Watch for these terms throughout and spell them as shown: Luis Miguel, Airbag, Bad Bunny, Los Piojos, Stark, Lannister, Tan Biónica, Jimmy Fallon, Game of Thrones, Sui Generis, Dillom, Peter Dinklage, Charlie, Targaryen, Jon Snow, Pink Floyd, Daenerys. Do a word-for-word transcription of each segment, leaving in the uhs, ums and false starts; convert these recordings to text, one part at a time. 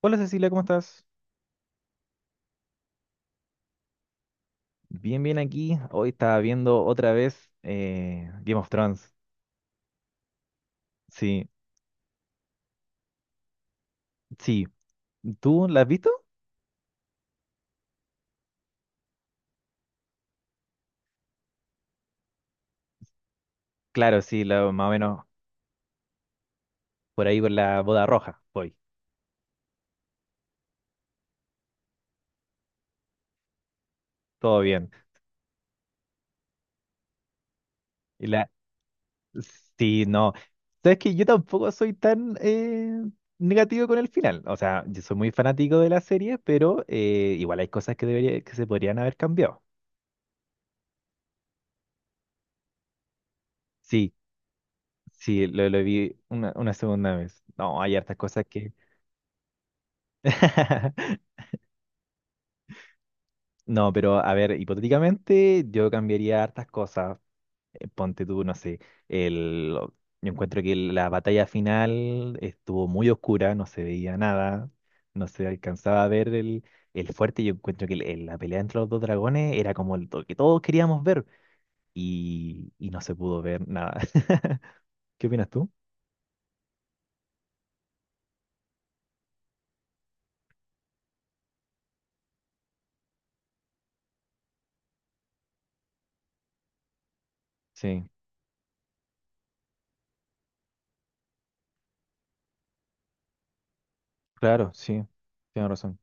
Hola Cecilia, ¿cómo estás? Bien, bien aquí. Hoy estaba viendo otra vez eh, Game of Thrones. Sí, sí. ¿Tú la has visto? Claro, sí, la- más o menos por ahí con la boda roja. Voy, todo bien. Y la... Sí, no. Sabes que yo tampoco soy tan eh, negativo con el final. O sea, yo soy muy fanático de la serie, pero eh, igual hay cosas que, debería, que se podrían haber cambiado. Sí, sí, lo, lo vi una, una segunda vez. No, hay hartas cosas que... No, pero a ver, hipotéticamente yo cambiaría hartas cosas. Eh, Ponte tú, no sé, el, lo- yo encuentro que la batalla final estuvo muy oscura, no se veía nada, no se alcanzaba a ver el, el fuerte. Yo encuentro que el- el- la pelea entre los dos dragones era como el, lo que todos queríamos ver y, y no se pudo ver nada. ¿Qué opinas tú? Sí, claro, sí, tienes razón.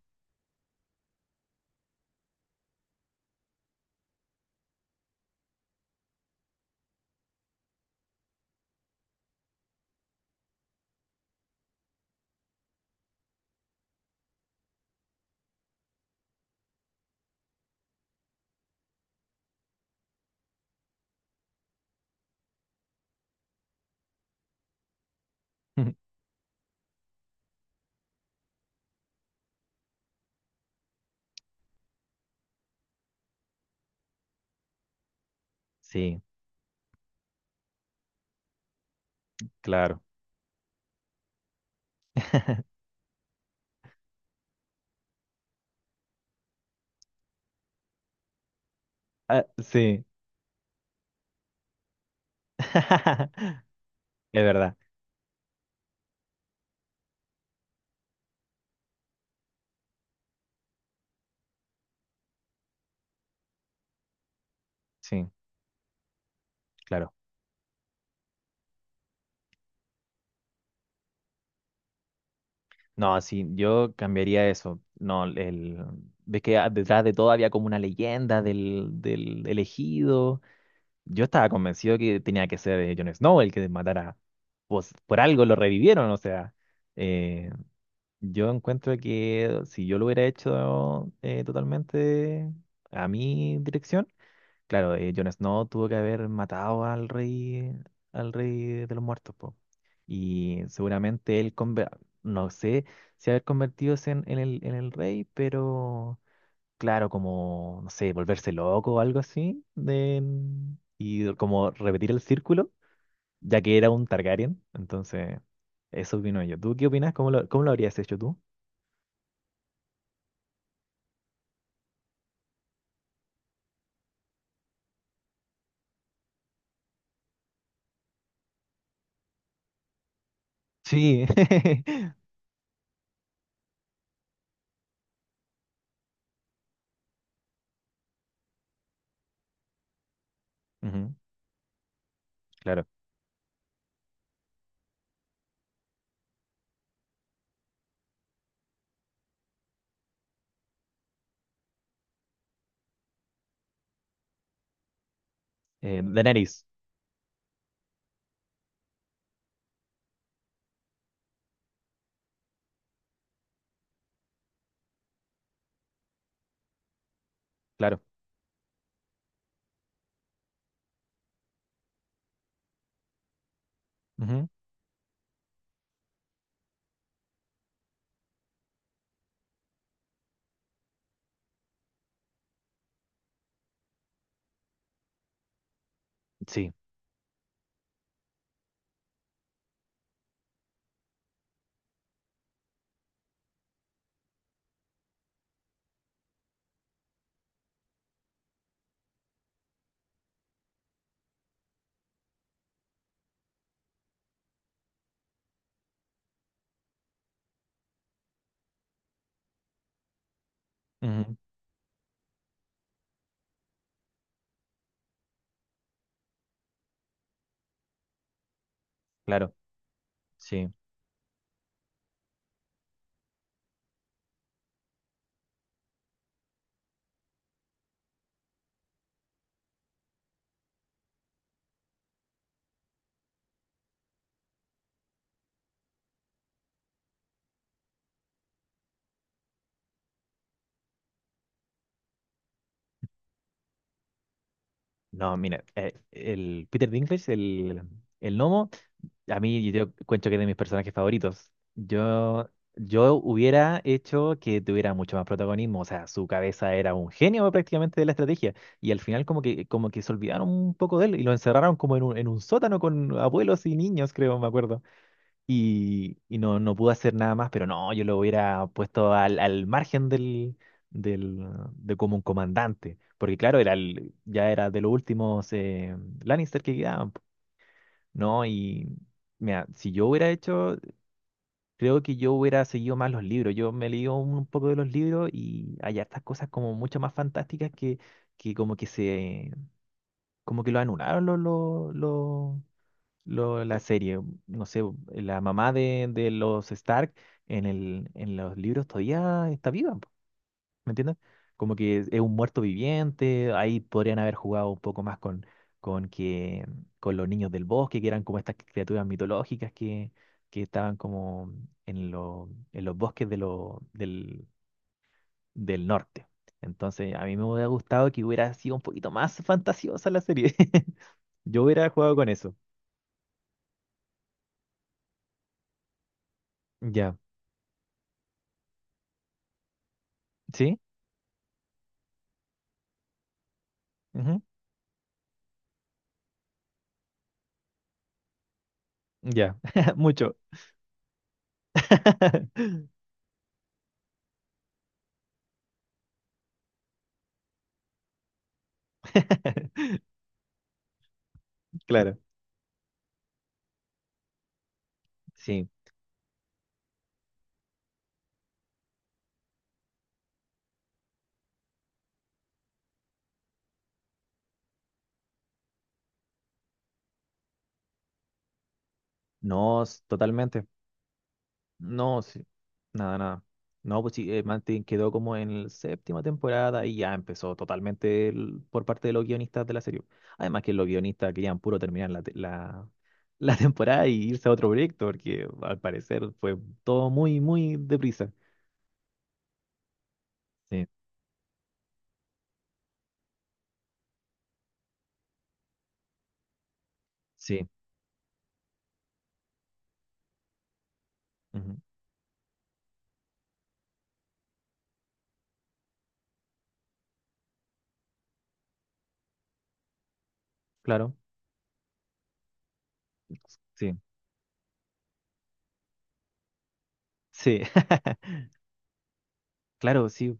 Sí, claro. Ah, sí, es verdad. Sí, claro. No, sí, yo cambiaría eso. No, el, ves que a- detrás de todo había como una leyenda del, del elegido. Yo estaba convencido que tenía que ser eh, Jon Snow el que matara. Pues por algo lo revivieron, o sea. eh, yo encuentro que si yo lo hubiera hecho eh, totalmente a mi dirección. Claro, eh, Jon Snow tuvo que haber matado al rey, al rey de los muertos, po. Y seguramente él, conver- no sé si haber convertido en, en el, en el rey, pero claro, como, no sé, volverse loco o algo así, de- y como repetir el círculo, ya que era un Targaryen, entonces eso opino yo. ¿Tú qué opinas? ¿Cómo lo, cómo lo habrías hecho tú? Sí, ujú, claro. Eh, Daenerys, claro. Ujú, sí, ujú, claro, sí. No, mira, eh, el Peter Dinklage, el, el gnomo, a mí yo cuento que es de mis personajes favoritos. Yo, yo hubiera hecho que tuviera mucho más protagonismo, o sea, su cabeza era un genio prácticamente de la estrategia, y al final como que, como que se olvidaron un poco de él y lo encerraron como en un, en un sótano con abuelos y niños, creo, me acuerdo y, y no, no pude hacer nada más, pero no, yo lo hubiera puesto al, al margen del, del, de como un comandante, porque claro, era el- ya era de los últimos eh, Lannister que quedaban, po. ¿No? Y mira, si yo hubiera hecho, creo que yo hubiera seguido más los libros, yo me leí un, un poco de los libros y hay hartas cosas como mucho más fantásticas que, que como que se, como que lo anularon los, los, lo- la serie. No sé, la mamá de, de los Stark en el, en los libros todavía está viva, po, ¿me entiendes? Como que es, es un muerto viviente, ahí podrían haber jugado un poco más con, con que, con los niños del bosque, que eran como estas criaturas mitológicas que, que estaban como en, lo- en los bosques de lo- del, del norte. Entonces, a mí me hubiera gustado que hubiera sido un poquito más fantasiosa la serie. Yo hubiera jugado con eso. Ya. ¿Sí? Ya, mucho. Claro, sí. No, s- totalmente. No, sí. Nada, nada. No, pues sí, eh, Mantin quedó como en la séptima temporada y ya empezó totalmente el- por parte de los guionistas de la serie. Además que los guionistas querían puro terminar la, te- la, la temporada y irse a otro proyecto, porque al parecer fue todo muy, muy deprisa. Sí, sí. Ujú, claro. Sí, sí. Claro, sí,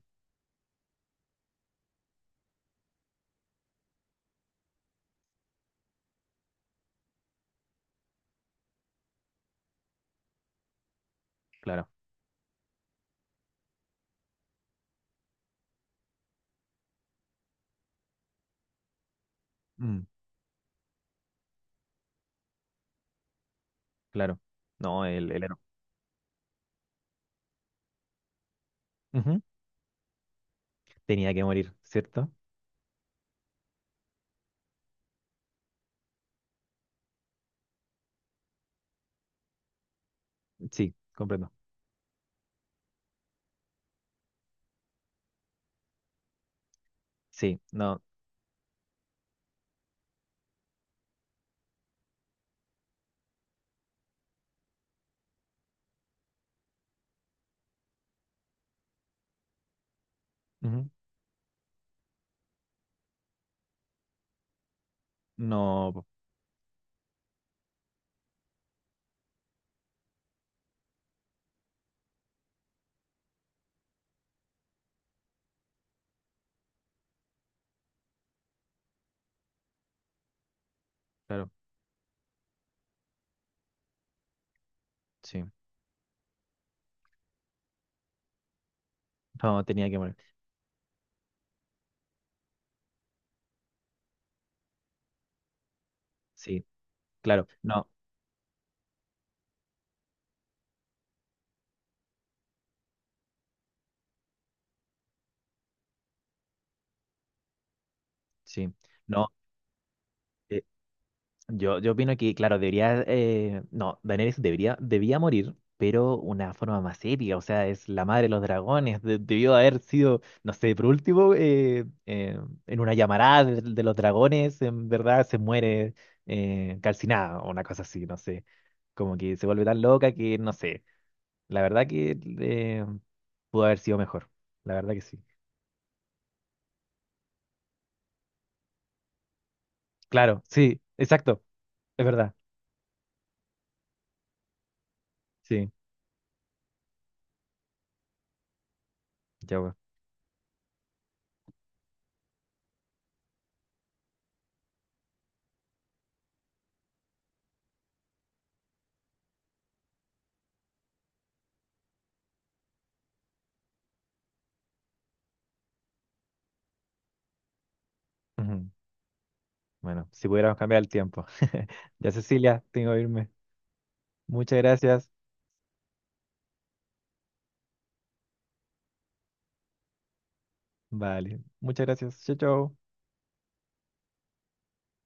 claro. Mm. Claro. No, el, el héroe. Ujú. Tenía que morir, ¿cierto? Sí, comprendo. Sí, no. Ujú. No, po, claro, sí. No, tenía que morir. Sí, claro. No, sí. No. eh, Yo, yo opino que, claro, debería, eh, no, Daenerys debería, debía morir, pero una forma más épica, o sea, es la madre de los dragones, de- debió haber sido, no sé, por último, eh, eh, en una llamarada de, de los dragones, en verdad se muere eh, calcinada o una cosa así, no sé, como que se vuelve tan loca que, no sé, la verdad que eh, pudo haber sido mejor, la verdad que sí. Claro, sí, exacto, es verdad, sí, ya, bueno. Bueno, si pudiéramos cambiar el tiempo. Ya, Cecilia, tengo que irme. Muchas gracias. Vale, muchas gracias. Chau, chau.